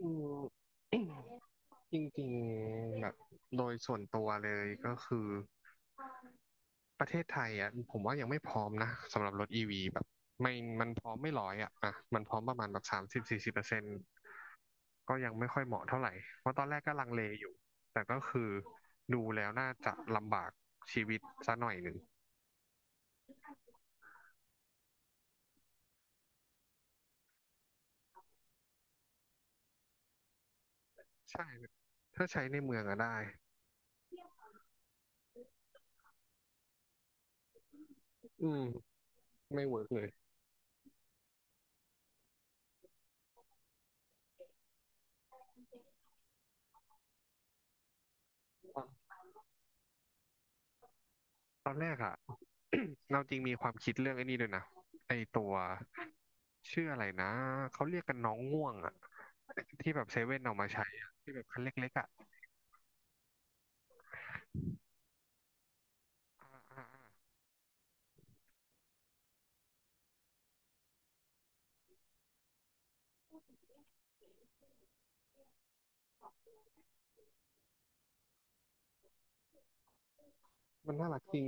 อืม จริงๆแบบโดยส่วนตัวเลยก็คือประเทศไทยอ่ะผมว่ายังไม่พร้อมนะสำหรับรถอีวีแบบไม่มันพร้อมไม่ร้อยอ่ะอ่ะมันพร้อมประมาณแบบ30-40%ก็ยังไม่ค่อยเหมาะเท่าไหร่เพราะตอนแรกก็ลังเลอยู่แต่ก็คือดูแล้วน่าจะลำบากชีวิตซะหน่อยหนึ่งใช่ถ้าใช้ในเมืองอะได้อืมไม่เวิร์กเลยตอนแรกอะ เราจริงมีความคิดเรื่องไอ้นี่ด้วยนะไอ้ตัวชื่ออะไรนะเขาเรียกกันน้องง่วงอะที่แบบเซเว่นเอามาใช้อะที่แบบคันเล็กๆอะอ่าอ่าอ่ามันน่ารักจริง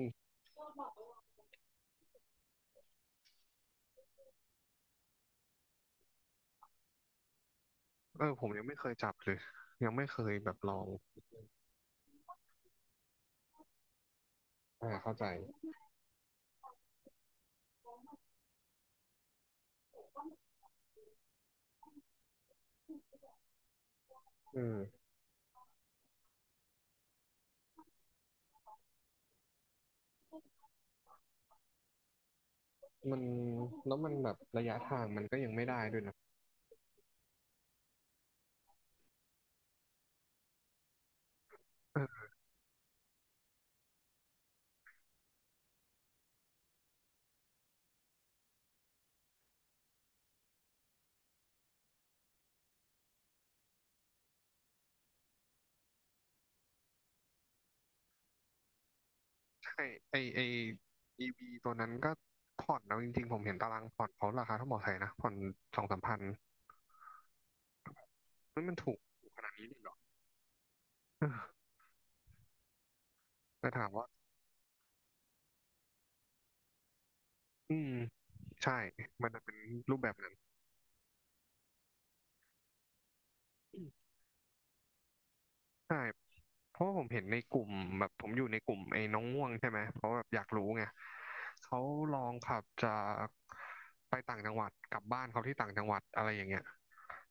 เออผมยังไม่เคยจับเลยยังไม่เคยแบบลองอ่าเข้าใจเออมันแล้วมันแบบระยะทางมันก็ยังไม่ได้ด้วยนะเออใช่ไออีวีตัวนั้นก็ผ่อนเลาจริงๆผมเห็นตารางผ่อนเขาราคาเท่าหมอไทยนะผ่อนสองสามพันมันถูกขนาดนี้เลยเหรอเออแต่ถามว่า อืมใช่มันจะเป็นรูปแบบนั้นใช่เพราะว่าผมเห็นในกลุ่มแบบผมอยู่ในกลุ่มไอ้น้องง่วงใช่ไหมเพราะแบบอยากรู้ไงเขาลองขับจากไปต่างจังหวัดกลับบ้านเขาที่ต่างจังหวัดอะไรอย่างเงี้ย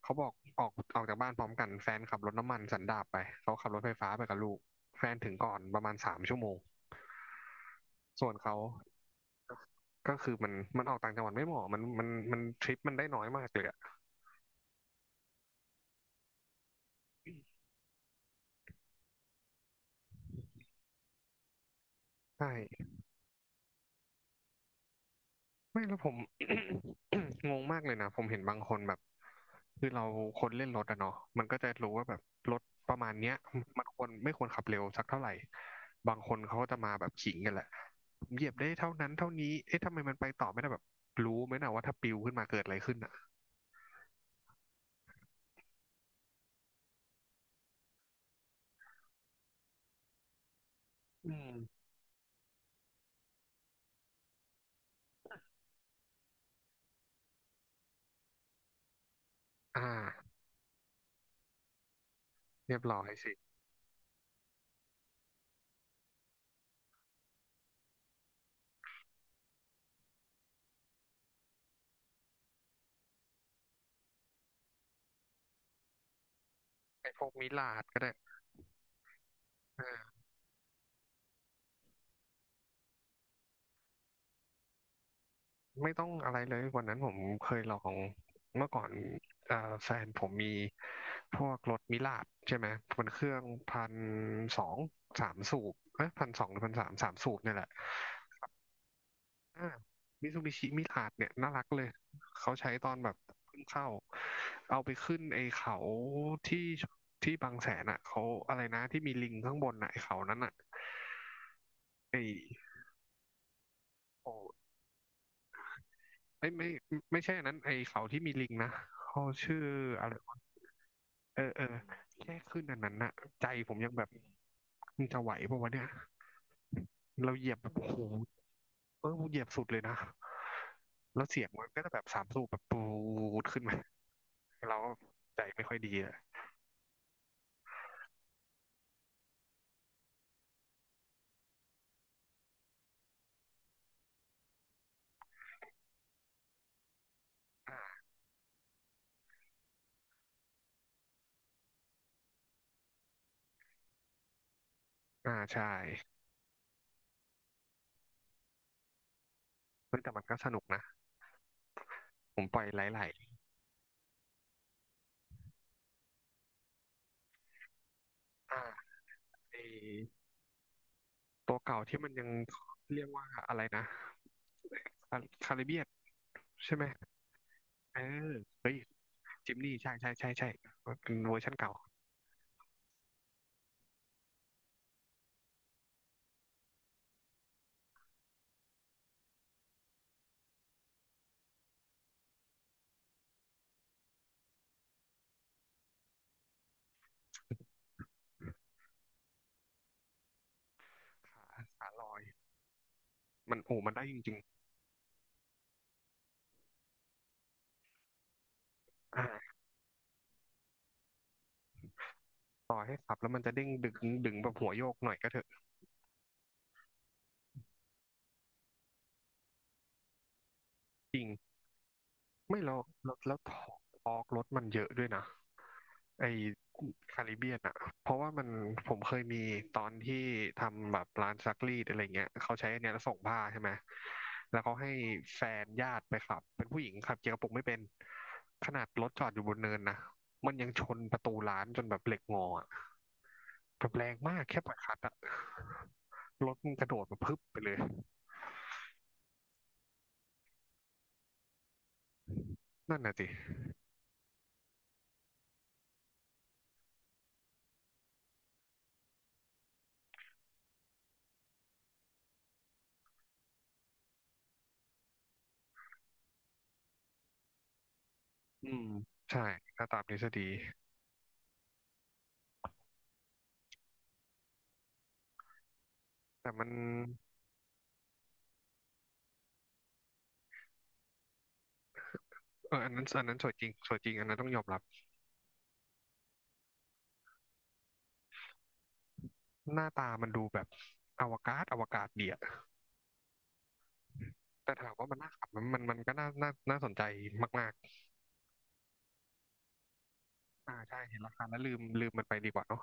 เขาบอกออกจากบ้านพร้อมกันแฟนขับรถน้ำมันสันดาปไปเขาขับรถไฟฟ้าไปกับลูกแฟนถึงก่อนประมาณ3 ชั่วโมงส่วนเขาก็คือมันออกต่างจังหวัดไม่เหมาะมันทริปมันได้น้อยมากเลยอะใช่ ไม่แล้วผม งงมากเลยนะผมเห็นบางคนแบบคือเราคนเล่นรถอะเนาะมันก็จะรู้ว่าแบบรถประมาณเนี้ยมันควรไม่ควรขับเร็วสักเท่าไหร่บางคนเขาก็จะมาแบบขิงกันแหละเหยียบได้เท่านั้นเท่านี้เอ๊ะทำไมมันไปต่อไม่ได้แบบรู้ไหมนะว่าถ้าปิวขึ้นมาเกิดอะไรขึ้นอะอืมอ่าเรียบร้อยสิไอ้พวกมิลาดก็ได้ ไม่ต้องอะไรเลยวันนั้นผมเคยลองเมื่อก่อนแฟนผมมีพวกรถมิลาดใช่ไหมเป็นเครื่องพันสองสามสูบเอ้ยพันสองหรือพันสามสามสูบเนี่ยแหละอ่ามิซูบิชิมิลาดเนี่ยน่ารักเลยเขาใช้ตอนแบบเพิ่งเข้าเอาไปขึ้นไอ้เขาที่ที่บางแสนอ่ะเขาอะไรนะที่มีลิงข้างบนอ่ะไอ้เขานั้นอ่ะไอ้โอ้ไอ้ยไม่ไม่ใช่อันนั้นไอ้เขาที่มีลิงนะเขาชื่ออะไร เออเออแค่ขึ้นอันนั้นน่ะใจผมยังแบบมึงจะไหวปะววะเนี่ยเราเหยียบแบบโอ้โหเออเหยียบสุดเลยนะแล้วเสียงมันก็จะแบบสามสูบแบบปูดขึ้นมาเราก็ใจไม่ค่อยดีเลยอ่าอ่าใช่เฮ้ยแต่มันก็สนุกนะผมปล่อยไหลๆอ่าไอตัวเก่าที่มันยังเรียกว่าอะไรนะคาริเบียนใช่ไหมเออเฮ้ยจิมนี่ใช่ใช่ใช่ใช่เป็นเวอร์ชันเก่าขาขาลอย มันโอ้มันได้จริงๆอ่าต่อให้ขับแล้วมันจะเด้งดึงแบบหัวโยกหน่อยก็เถอะจริง ไม่แล้วแล้วทอกทอกรถมันเยอะด้วยนะไอคาริเบียนอ่ะเพราะว่ามันผมเคยมีตอนที่ทำแบบร้านซักรีดอะไรเงี้ยเขาใช้อันเนี้ยแล้วส่งผ้าใช่ไหมแล้วเขาให้แฟนญาติไปขับเป็นผู้หญิงขับเกียร์กระปุกไม่เป็นขนาดรถจอดอยู่บนเนินนะมันยังชนประตูร้านจนแบบเหล็กงออะแบบแรงมากแค่ปล่อยคลัดอะรถมันกระโดดมาพึบไปเลยนั่นน่ะสิอืมใช่ถ้าตามทฤษฎีแต่มัน เอออันนั้นอันนั้นสวยจริงสวยจริงอันนั้นต้องยอมรับหน้าตามันดูแบบอวกาศอวกาศเดียดแต่ถามว่ามันน่าขับมันก็น่าน่าน่าสนใจมากๆอ่าใช่เห็นราคาแล้วลืมลืมมันไปดีกว่าเนาะ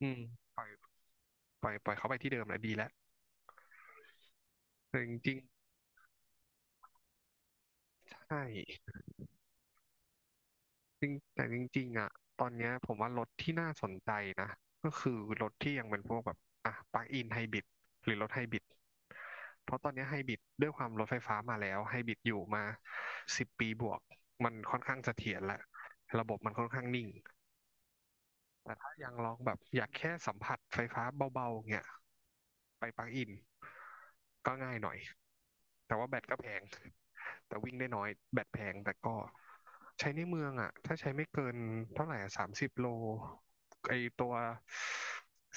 อืมปล่อยปล่อยเขาไปที่เดิมแหละดีแล้วแต่จริงๆใช่ จริงแต่จริงๆอ่ะตอนเนี้ยผมว่ารถที่น่าสนใจนะก็คือรถที่ยังเป็นพวกแบบอ่ะปลั๊กอินไฮบริดหรือรถไฮบริดเพราะตอนเนี้ไฮบริดด้วยความรถไฟฟ้ามาแล้วไฮบริดอยู่มา10 ปีบวกมันค่อนข้างเสถียรและระบบมันค่อนข้างนิ่ง แต่ถ้ายังลองแบบอยากแค่สัมผัสไฟฟ้าเบาๆเงี้ยไปปลั๊กอินก็ง่ายหน่อย แต่ว่าแบตก็แพง แต่วิ่งได้น้อยแบตแพงแต่ก็ใช้ในเมืองอ่ะถ้าใช้ไม่เกินเท่าไหร่สามสิบโลไอตัว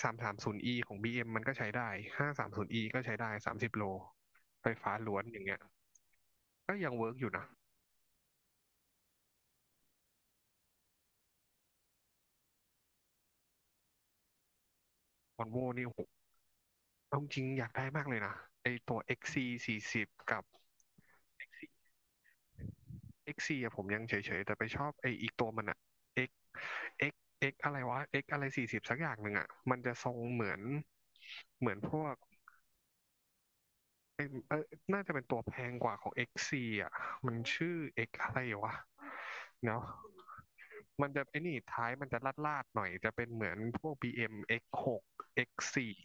330 e ของบีเอ็มมันก็ใช้ได้530 e ก็ใช้ได้30 โลไฟฟ้าล้วนอย่างเงี้ยก็ยังเวิร์กอยู่นะวอนโวนี่โอ้โหเอาจริงอยากได้มากเลยนะไอตัว XC สี่สิบกับ X สี่ะผมยังเฉยๆแต่ไปชอบไออีกตัวมันอะ X X X อะไรวะ X อะไร40สักอย่างหนึ่งอะมันจะทรงเหมือนเหมือนพวกเอ้ยเอยน่าจะเป็นตัวแพงกว่าของ X สี่อะมันชื่อ X อะไรวะเนาะมันจะไอนี่ท้ายมันจะลาดลาดหน่อยจะเป็นเหมือนพวก BM X หก X สี่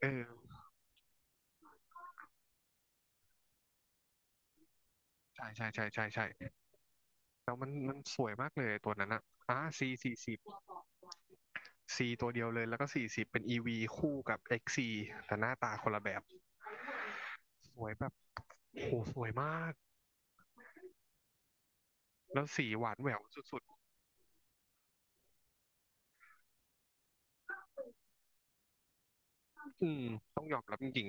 เออใช่ใช่ใช่ใช่ใช่แล้วมันสวยมากเลยตัวนั้นอะอ่า C สี่สิบ C ตัวเดียวเลยแล้วก็40เป็น EV คู่กับ XC แต่หน้าตาคนละแบบสวยแบบโหสวยมากแล้วสีหวานแหววสุดๆอืมต้องยอมรับจริง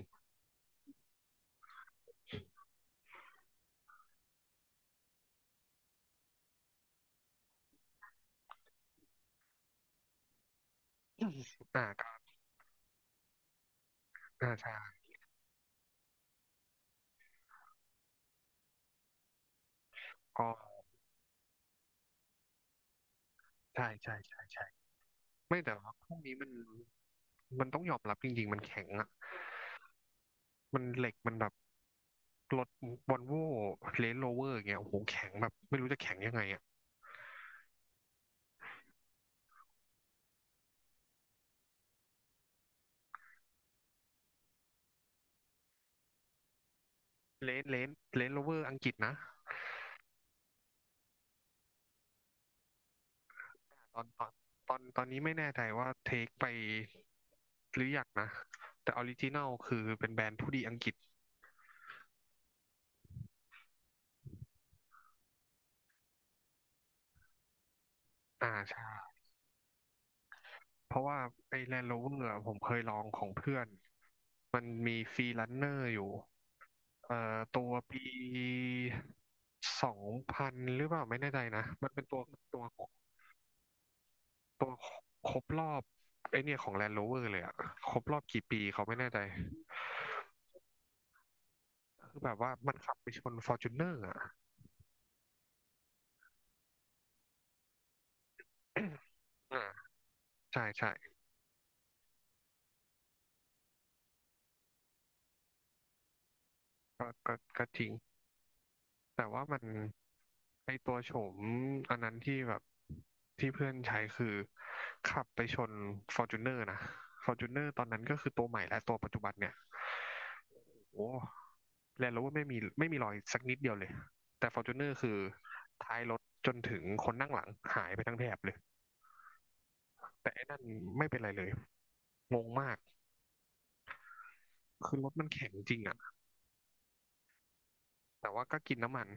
ๆอ่าก็อ่าใช่ก็ใช่ใช่ใช่ใช่ไม่แต่ว่าพวกนี้มันมันต้องยอมรับจริงๆมันแข็งอ่ะมันเหล็กมันแบบรถวอลโว่เลนโรเวอร์เงี้ยโอ้โหแข็งแบบไม่รู้จะแข็งยังไงอ่ะเลนเลนเลนโรเวอร์อังกฤษนะ ตอนตอนตอนนี้ไม่แน่ใจว่าเทคไปหรือยังนะ แต่ออริจินัลคือเป็นแบรนด์ผู้ดีอังกฤษอ่าใช่เพราะว่าไอ้ Land Rover อะผมเคยลองของเพื่อน มันมีฟรีลันเนอร์อยู่ตัวปี2000หรือเปล่าไม่แน่ใจนะ มันเป็นตัวตัวครบรอบไอเนี่ยของ Land Rover เลยอะครบรอบกี่ปีเขาไม่แน่ใจ คือแบบว่ามันขับไปชน Fortuner อะ อ่า ใช่ใช่ก็ก็จริงแต่ว่ามันไอตัวโฉมอันนั้นที่แบบที่เพื่อนใช้คือขับไปชนฟอร์จูเนอร์นะฟอร์จูเนอร์ตอนนั้นก็คือตัวใหม่และตัวปัจจุบันเนี่ย โอ้แลนด์โรเวอร์ไม่มีไม่มีรอยสักนิดเดียวเลย แต่ฟอร์จูเนอร์คือท้ายรถจนถึงคนนั่งหลังหายไปทั้งแถบเลย แต่ไอ้นั่นไม่เป็นไรเลย งงมาก คือรถมันแข็งจริงอะแต่ว่าก็กินน้ำมัน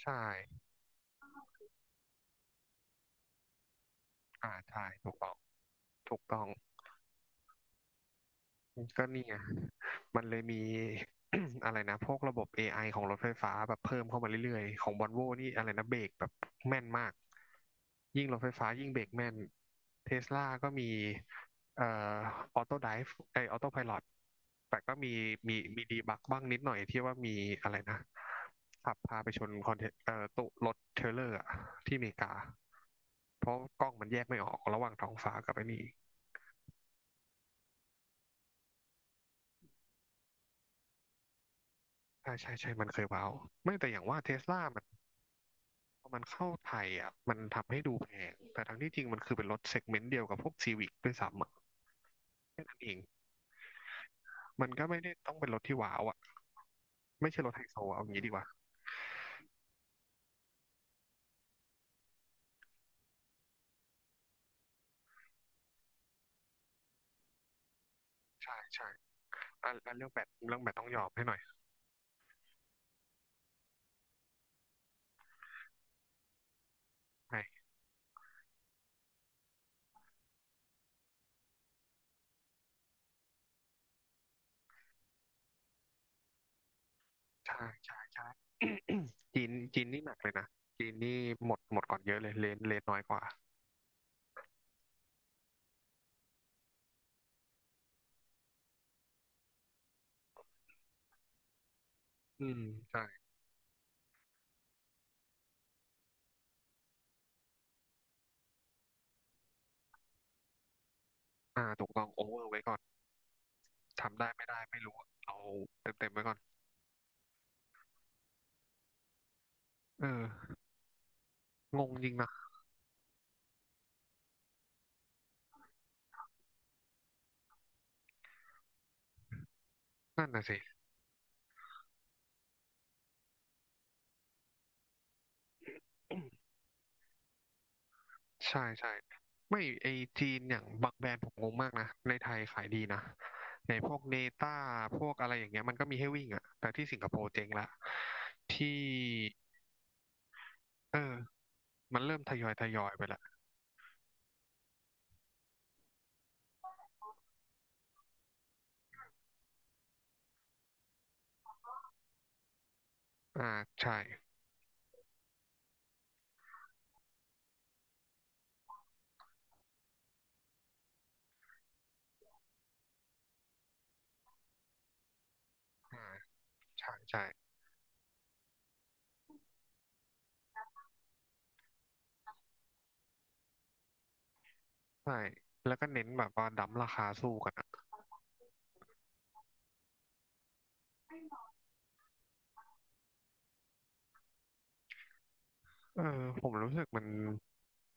ใช่อ่าใช่ถูกต้องถูกต้อง ก็นี่ไงมันเลยมี อะไรนะพวกระบบ AI ของรถไฟฟ้าแบบเพิ่มเข้ามาเรื่อยๆ ของวอลโวนี่อะไรนะเบรกแบบแม่นมาก ยิ่งรถไฟฟ้ายิ่งเบรกแม่นเทสลาก็มีเอ่อออโต้ไดฟ์ไอออโต้ไพลอตแต่ก็มีมีดีบักบ้างนิดหน่อยที่ว่ามีอะไรนะขับพาไปชนคอนเทตุรถเทรลเลอร์อะที่อเมริกา เพราะกล้องมันแยกไม่ออกระหว่างท้องฟ้ากับไอ้นี่ ใช่ใช่ใช่มันเคยว้าวไม่แต่อย่างว่าเทสลามันพอมันเข้าไทยอ่ะมันทำให้ดูแพงแต่ทั้งที่จริงมันคือเป็นรถเซกเมนต์เดียวกับพวกซีวิกด้วยซ้ำอ่ะแค่นั้นเองมันก็ไม่ได้ต้องเป็นรถที่ว้าวอ่ะไม่ใช่รถไฮโซอะเอาอย่างนี้ดีกว่าใช่ใช่อันเรื่องแบตเรื่องแบตต้องยอมให้หน่อยใช่ใช่ใช่ใช่ จีนนี่หนักเลยนะจีนนี่หมดก่อนเยอะเลยเลนเลนน้อยกว่าอืมใช่อ่าถูกต้องโอเวอร์ไว้ก่อนทำได้ไม่ได้ไม่รู้อะเอาเต็มไว้ก่อนเอองงจริงนะนั่นน่ะสิ ใช่ใช่ไม่ไอจีนอย่างบางแบรนด์ผมงงมากนะในไทยขายดีนะในพวกเนต้าพวกอะไรอย่างเงี้ยมันก็มีให้วิ่งอะแต่ที่สิงคโปร์เจ๊งละที่เออมันเริ่มทยอยไปละอ่าใช่อ่าใช่ใช่ใช่แล้วก็เน้นแบบว่าดั้มราคาสู้กันอะเออผมรู้สึกมัน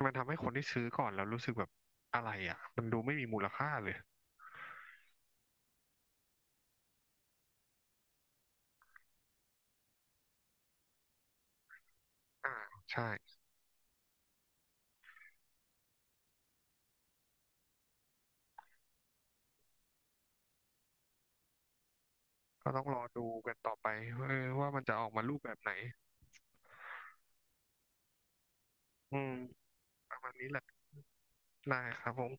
มันทำให้คนที่ซื้อก่อนแล้วรู้สึกแบบอะไรอะมันดูไม่มีมูลค่าเลยอ่าใช่ก็ต้องรอดูกันต่อไปเออว่ามันจะออกมารูปแบบไหน อืมประมาณนี้แหละได้ครับผม